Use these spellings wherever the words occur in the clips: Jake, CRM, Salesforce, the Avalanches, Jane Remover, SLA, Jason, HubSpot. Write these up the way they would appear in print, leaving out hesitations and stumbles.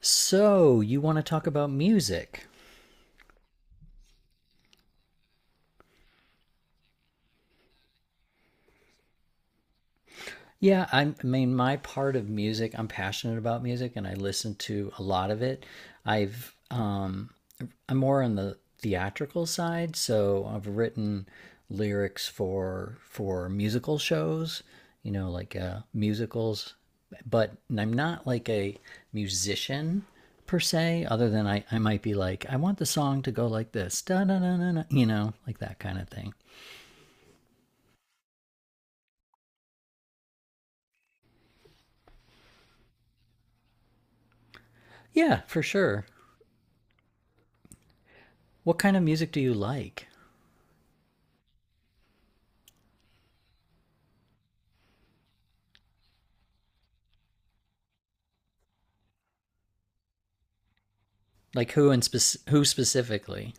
So, you want to talk about music? Yeah, my part of music, I'm passionate about music and I listen to a lot of it. I've, um, I'm more on the theatrical side, so I've written lyrics for musical shows, you know, like musicals, but I'm not like a musician per se, other than I might be like, I want the song to go like this, da da da da, you know, like that kind of thing. Yeah, for sure. What kind of music do you like? Like who and who specifically?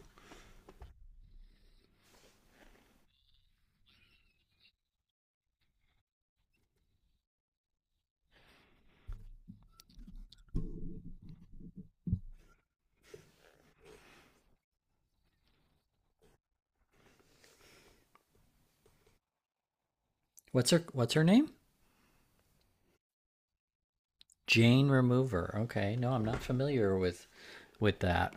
What's her name? Jane Remover. Okay, no, I'm not familiar with that.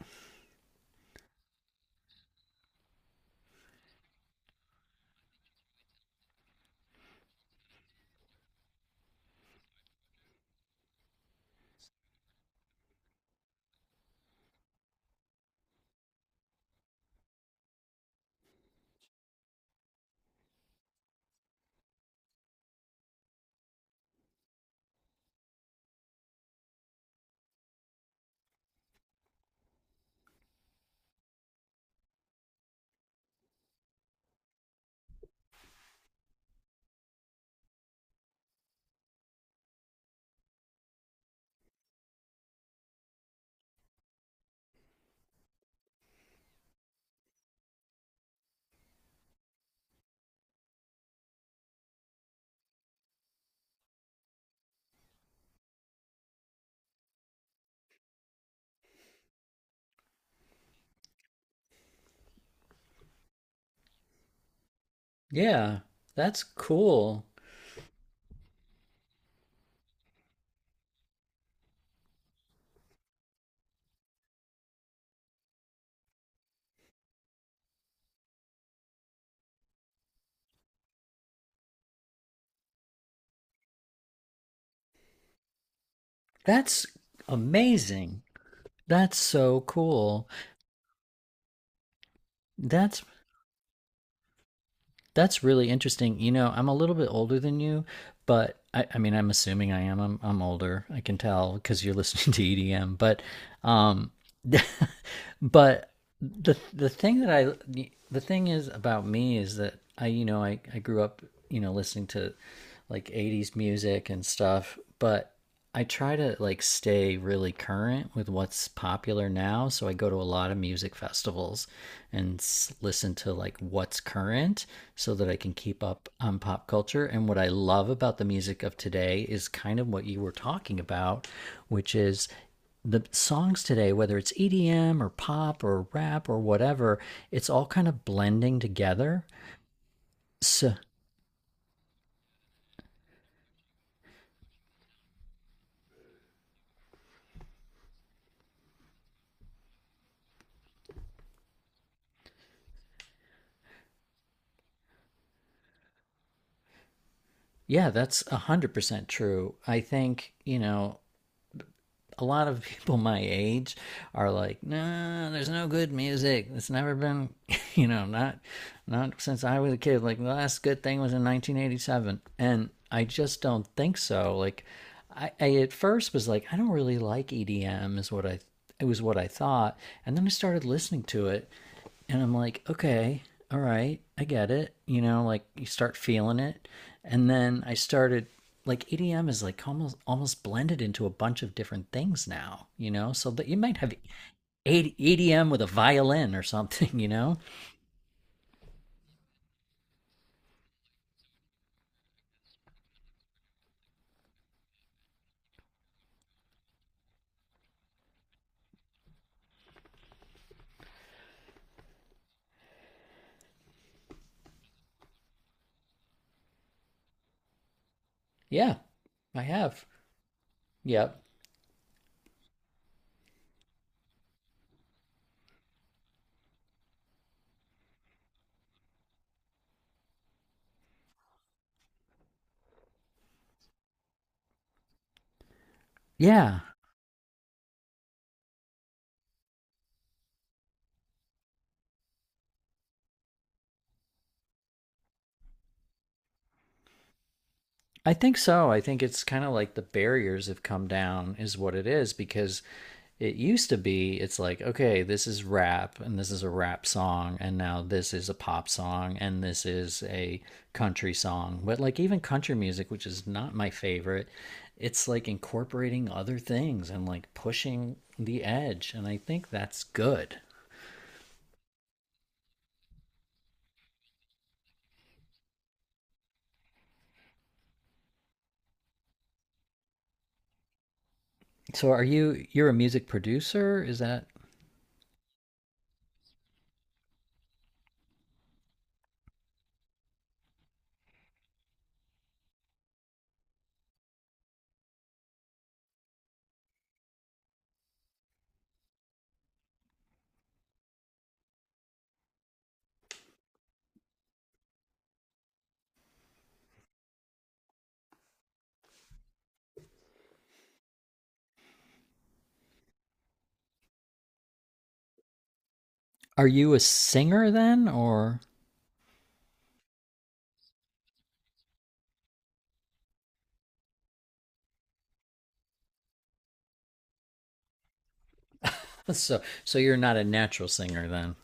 Yeah, that's cool. That's amazing. That's so cool. That's That's really interesting. You know, I'm a little bit older than you, but I mean, I'm assuming I am. I'm older. I can tell because you're listening to EDM. Um, but the the thing that I the thing is about me is that I, you know, I grew up, you know, listening to like 80s music and stuff, but I try to like stay really current with what's popular now. So I go to a lot of music festivals and listen to like what's current so that I can keep up on pop culture. And what I love about the music of today is kind of what you were talking about, which is the songs today, whether it's EDM or pop or rap or whatever, it's all kind of blending together. So, yeah, that's 100% true. I think, you know, a lot of people my age are like, "Nah, there's no good music. It's never been, you know, not not since I was a kid. Like the last good thing was in 1987." And I just don't think so. Like I at first was like, "I don't really like EDM," is what I it was what I thought. And then I started listening to it and I'm like, okay, all right, I get it. You know, like you start feeling it. And then I started like EDM is like almost blended into a bunch of different things now, you know? So that you might have EDM with a violin or something, you know? Yeah. I have. Yep. Yeah. I think so. I think it's kind of like the barriers have come down is what it is because it used to be, it's like, okay, this is rap and this is a rap song, and now this is a pop song and this is a country song. But like, even country music, which is not my favorite, it's like incorporating other things and like pushing the edge. And I think that's good. So, are you're a music producer? Is that, are you a singer then? Or so, so you're not a natural singer then?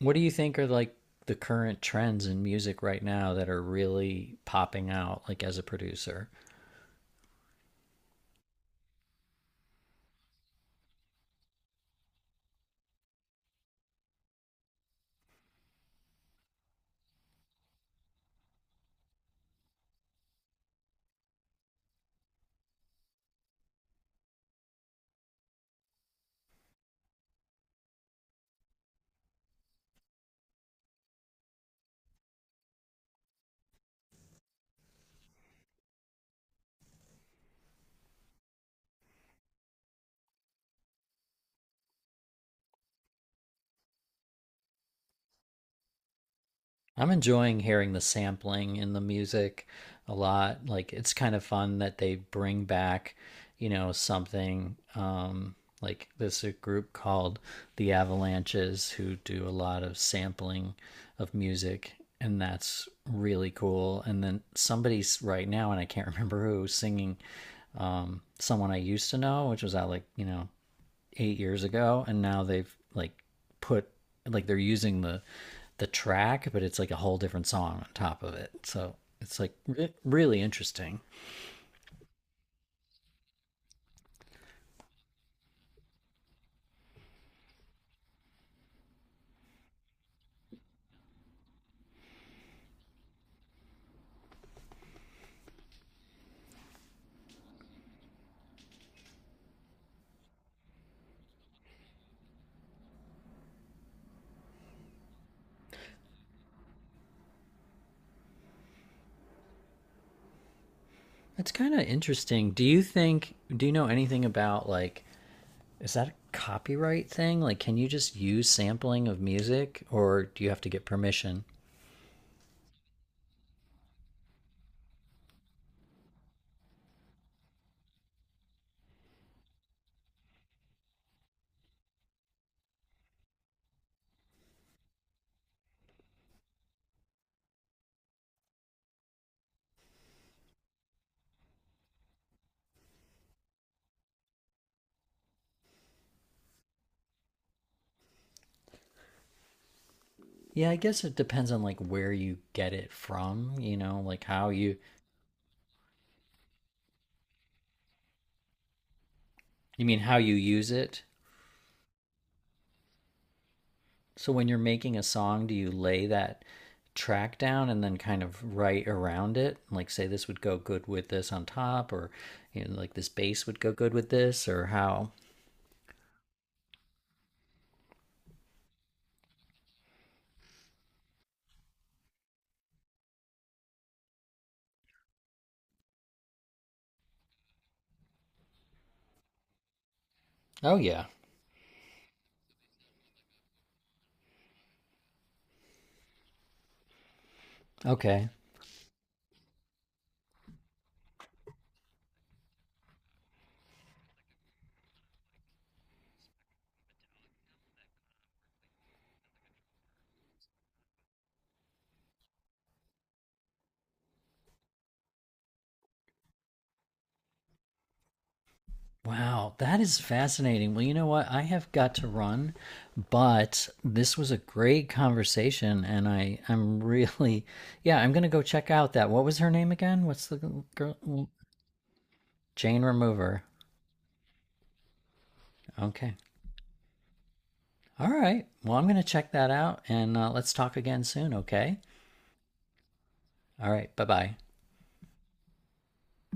What do you think are like the current trends in music right now that are really popping out, like as a producer? I'm enjoying hearing the sampling in the music a lot. Like it's kind of fun that they bring back, you know, something like this a group called the Avalanches who do a lot of sampling of music and that's really cool. And then somebody's right now and I can't remember who singing someone I used to know, which was out like, you know, 8 years ago, and now they've like put like they're using the track, but it's like a whole different song on top of it. So it's like really interesting. It's kind of interesting. Do you think? Do you know anything about like? Is that a copyright thing? Like, can you just use sampling of music, or do you have to get permission? Yeah, I guess it depends on like where you get it from. You know, like how you. You mean how you use it? So when you're making a song, do you lay that track down and then kind of write around it? Like say this would go good with this on top or you know like this bass would go good with this or how? Oh yeah. Okay. Wow, that is fascinating. Well, you know what? I have got to run, but this was a great conversation and I'm really yeah, I'm going to go check out that. What was her name again? What's the girl Jane Remover. Okay. All right. Well, I'm going to check that out and let's talk again soon, okay? All right. Bye bye.